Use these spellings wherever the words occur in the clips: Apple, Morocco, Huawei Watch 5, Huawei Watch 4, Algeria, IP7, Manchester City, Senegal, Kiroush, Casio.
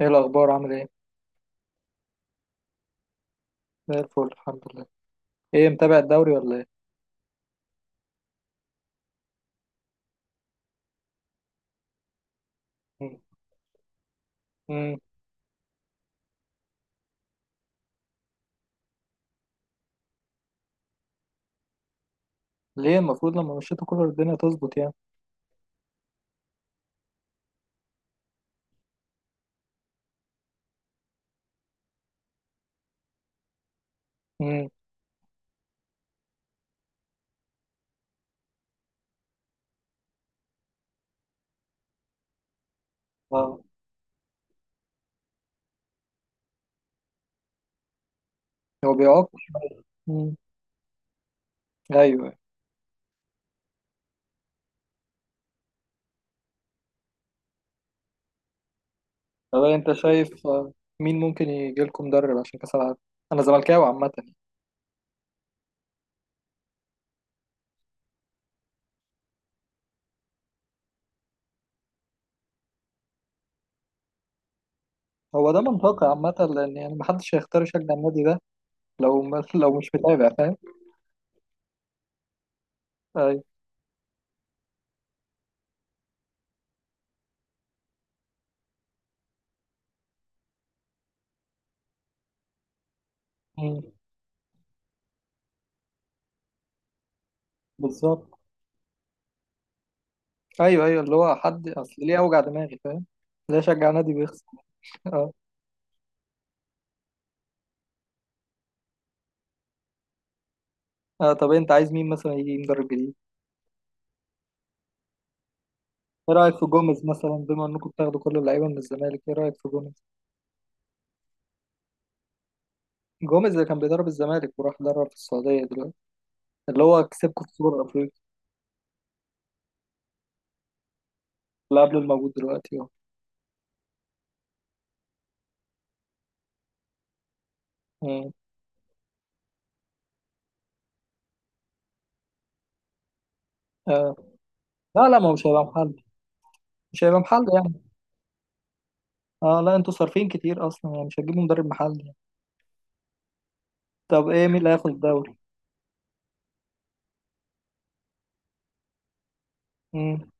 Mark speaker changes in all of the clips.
Speaker 1: ايه الاخبار، عامل ايه؟ زي الفل، الحمد لله. ايه، متابع الدوري ولا ايه؟ مم. مم. ليه المفروض لما مشيتوا كولر الدنيا تظبط يعني؟ مم. اه. هو بيعاقب. مم. ايوه. طب انت شايف، مين ممكن يجي لكم مدرب عشان كاس العالم؟ انا زملكاوي عامه يعني. هو ده منطقي عامه، لان يعني محدش هيختار يشجع النادي ده. لو ما لو مش متابع فاهم. ايوه. مم. بالظبط. ايوه، ايوه اللي هو حد، اصل ليه اوجع دماغي؟ فاهم؟ ليه اشجع نادي بيخسر؟ اه. طب انت عايز مين مثلا يجي مدرب جديد؟ ايه رايك في جوميز مثلا؟ بما انكم بتاخدوا كل اللعيبه من الزمالك، ايه رايك في جوميز؟ جوميز اللي كان بيدرب الزمالك وراح يدرب في السعوديه دلوقتي، اللي هو كسبكم في سوبر افريقيا. اللي قبل الموجود دلوقتي اهو. مم. آه. لا، لا، ما هو مش هيبقى محل، مش هيبقى محل يعني. اه لا، انتوا صارفين كتير اصلا يعني، مش هتجيبوا مدرب محلي يعني. طب ايه، مين اللي هياخد الدوري؟ مم.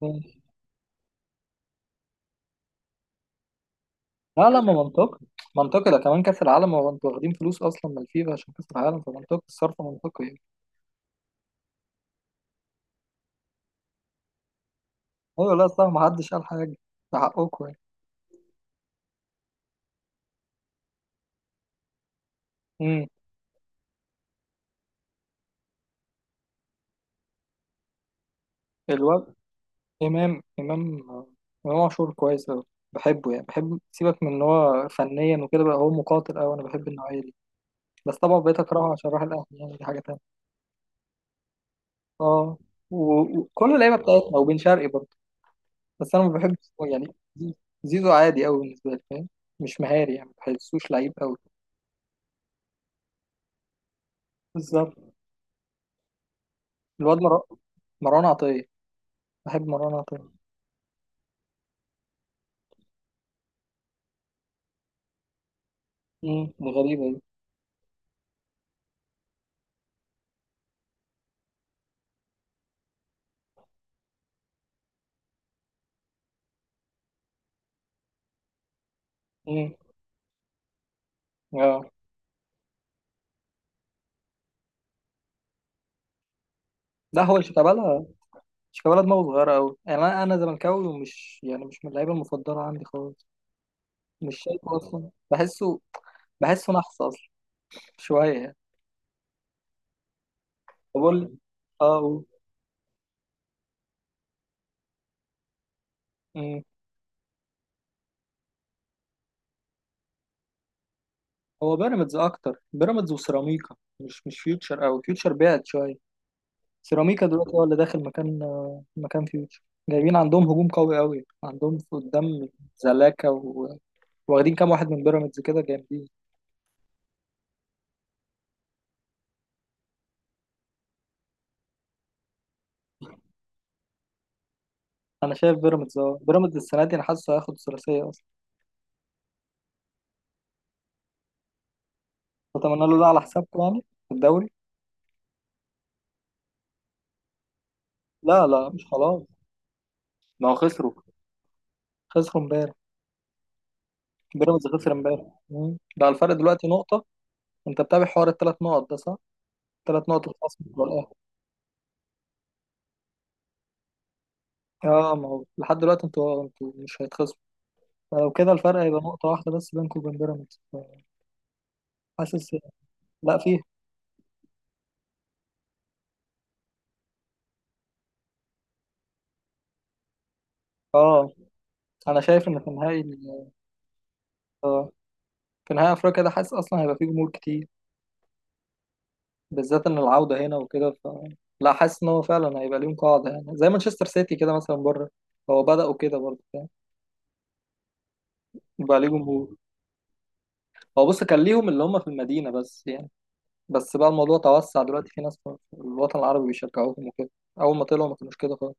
Speaker 1: مم. لا، لا، ما منطقي، منطقي. ده كمان كاس العالم، هو انتوا واخدين فلوس اصلا من الفيفا عشان كاس العالم، فمنطقي الصرف، منطقي يعني. ايوه، لا صح، ما حدش قال حاجه، ده حقكم يعني. مم. الواد إمام إمام إمام عاشور كويس أوي. بحبه يعني، بحب، سيبك من إن هو فنيا وكده، بقى هو مقاتل أوي، أنا بحب النوعية دي. بس طبعا بقيت أكرهه عشان راح الأهلي يعني، دي حاجة تانية. أه. و- وكل اللعيبة بتاعتنا، وبن شرقي برضه. بس أنا ما بحبش هو يعني. زيزو. زيزو عادي أوي بالنسبة لي، فاهم؟ مش مهاري يعني، ما بحسوش لعيب أوي. بالظبط. الواد مروان عطية. بحب مروان عطية. امم، دي غريبة دي. امم، اه لا، هو شيكابالا مش كولد، دماغه صغيرة أوي يعني، أنا زملكاوي ومش يعني مش من اللعيبة المفضلة عندي خالص. مش شايفه أصلا، بحسه. بحسه نحس أصلا شوية يعني. بقول لي. أه قول. أمم. هو بيراميدز أكتر، بيراميدز وسيراميكا، مش فيوتشر أوي، فيوتشر بعد شوية. سيراميكا دلوقتي هو اللي داخل مكان، مكان فيوتشر. جايبين عندهم هجوم قوي أوي، عندهم في قدام. زلاكا و... واخدين كام واحد من بيراميدز، كده جامدين. أنا شايف بيراميدز، أه بيراميدز السنة دي أنا حاسه هياخد الثلاثية أصلا. أتمنى له ده على حسابكم يعني في الدوري. لا لا، مش خلاص، ما هو خسروا. خسروا امبارح. بيراميدز خسر امبارح. مم. ده الفرق دلوقتي نقطة. انت متابع حوار الـ3 نقط ده صح؟ 3 نقط الخصم بتوع الاهلي. اه، ما هو لحد دلوقتي انتوا مش هيتخصموا. فلو كده الفرق هيبقى نقطة واحدة بس بينكم وبين بيراميدز. حاسس. لا فيه. اه، انا شايف ان في نهائي آه، في نهائي افريقيا ده، حاسس اصلا هيبقى فيه جمهور كتير، بالذات ان العودة هنا وكده، ف لا، حاسس ان هو فعلا هيبقى ليهم قاعدة يعني، زي مانشستر سيتي كده مثلا بره. هو بدأوا كده برضه، فاهم؟ يبقى ليه جمهور. هو بص، كان ليهم اللي هم في المدينة بس يعني، بس بقى الموضوع توسع دلوقتي، في ناس في الوطن العربي بيشجعوهم وكده. أول ما طلعوا ما كانوش كده خالص.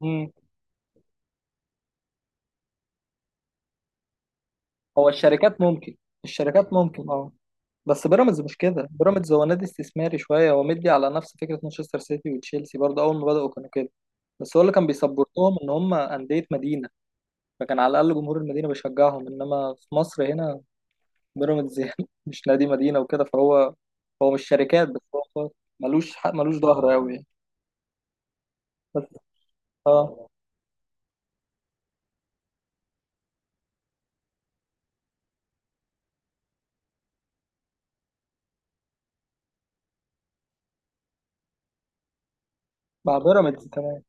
Speaker 1: مم. هو الشركات ممكن. الشركات ممكن اه. بس بيراميدز مش كده، بيراميدز هو نادي استثماري شوية، هو مدي على نفس فكرة مانشستر سيتي وتشيلسي برضه، أول ما بدأوا كانوا كده. بس هو اللي كان بيسبورتهم إن هم أندية مدينة، فكان على الأقل جمهور المدينة بيشجعهم، إنما في مصر هنا، بيراميدز يعني مش نادي مدينة وكده، فهو هو مش شركات بس، هو هو ملوش حق، ملوش ظهر أوي يعني. بس. اه، مع بيراميدز كمان.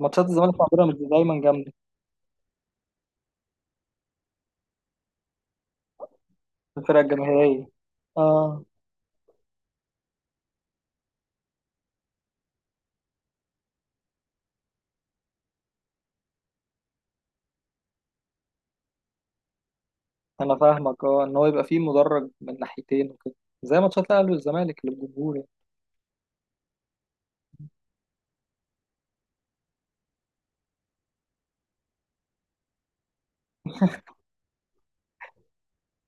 Speaker 1: ماتشات الزمالك مع بيراميدز دايما جامده. الفرق الجماهيريه. اه، انا فاهمك، اه ان هو يبقى فيه مدرج من ناحيتين وكده، زي ماتشات الاهلي والزمالك اللي الجمهور يعني.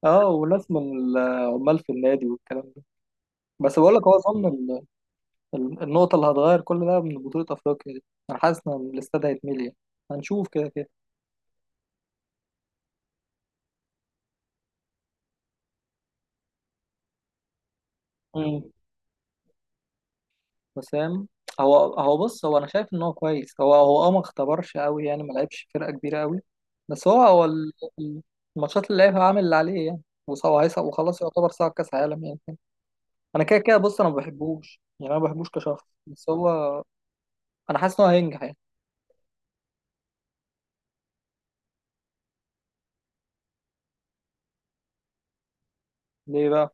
Speaker 1: اه، وناس من العمال في النادي والكلام ده. بس بقول لك، هو اظن النقطه اللي هتغير كل ده من بطوله افريقيا دي، انا حاسس ان الاستاد هيتملي يعني. هنشوف كده كده. مم. وسام. هو هو بص، هو انا شايف ان هو كويس، هو هو اه ما اختبرش قوي يعني، ما لعبش فرقه كبيره قوي. بس هو هو ال- الماتشات اللي لعبها عامل اللي عليه يعني، وهيصعد وخلاص، يعتبر صعد كاس عالم يعني. انا كده كده بص، انا ما بحبوش يعني، انا ما بحبوش كشخص، بس هو انا حاسس ان هو هينجح يعني. ليه بقى؟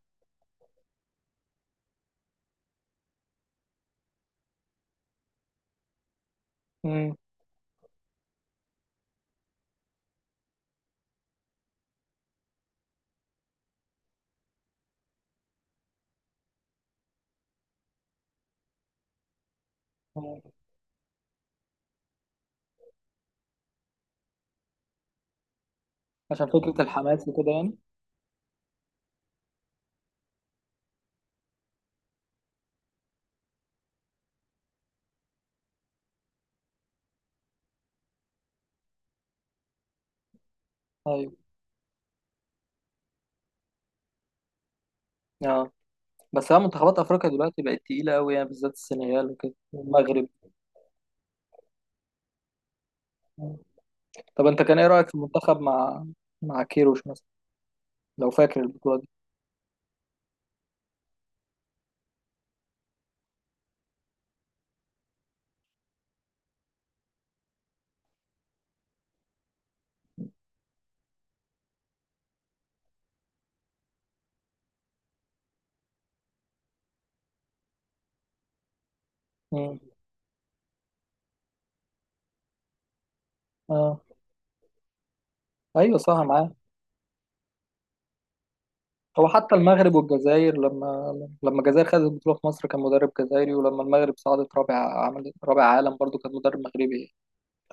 Speaker 1: امم، عشان فكره الحماس وكده يعني. ايوه اه. بس هي منتخبات افريقيا دلوقتي بقت تقيله قوي يعني، بالذات السنغال وكده والمغرب. طب انت كان ايه رايك في المنتخب مع كيروش مثلا؟ لو فاكر البطوله دي. مم. اه، ايوه صح معاه. هو حتى المغرب والجزائر، لما الجزائر خدت البطوله في مصر كان مدرب جزائري، ولما المغرب صعدت رابع، عمل رابع عالم، برضو كان مدرب مغربي يعني.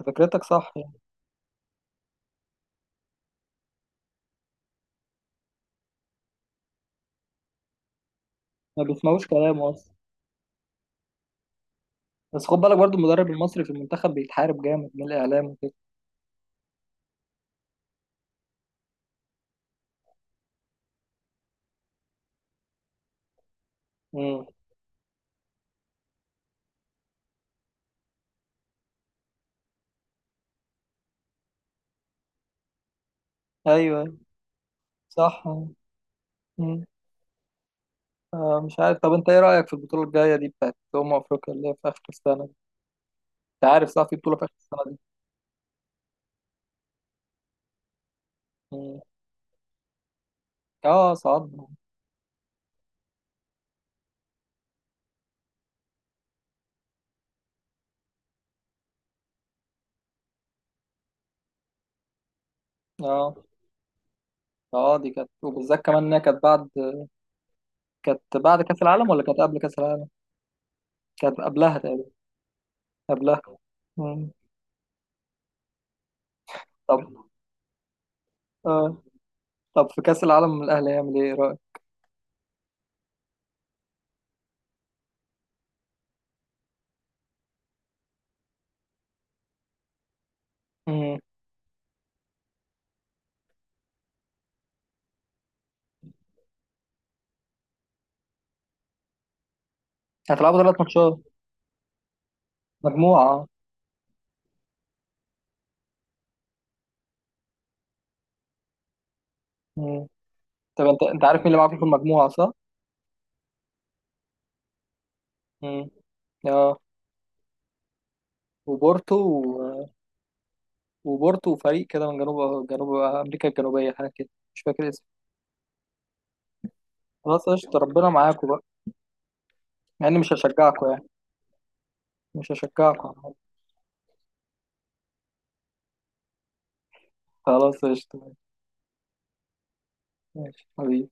Speaker 1: انت فكرتك صح يعني. ما بيسمعوش كلام اصلا. بس خد بالك برضو، المدرب المصري في المنتخب بيتحارب جامد من الاعلام وكده. امم. ايوه، أيوة. صح. امم. آه مش عارف. طب انت ايه رايك في البطوله الجايه دي، بتاعت افريقيا اللي هي في اخر السنه دي؟ انت عارف صح في بطوله في اخر السنه دي؟ مم. اه صعدنا. اه اه، دي كانت، وبالذات كمان انها كانت بعد، كانت بعد كأس العالم ولا كانت قبل كأس العالم؟ كانت قبلها تقريبا. قبلها. مم. طب اه، طب في كأس العالم الأهلي هيعمل إيه؟ إيه رأيك؟ مم. هتلعبوا 3 ماتشات. مجموعة آه. مم. طب أنت عارف مين اللي معاكم في المجموعة صح؟ مم. اه، وبورتو. و... وبورتو وفريق كده من جنوب أمريكا الجنوبية، حاجة كده، مش فاكر اسمه. خلاص، قشطة، ربنا معاكم بقى، مع إني مش هشجعكم يعني. مش هشجعكم. خلاص قشطة. ماشي حبيبي.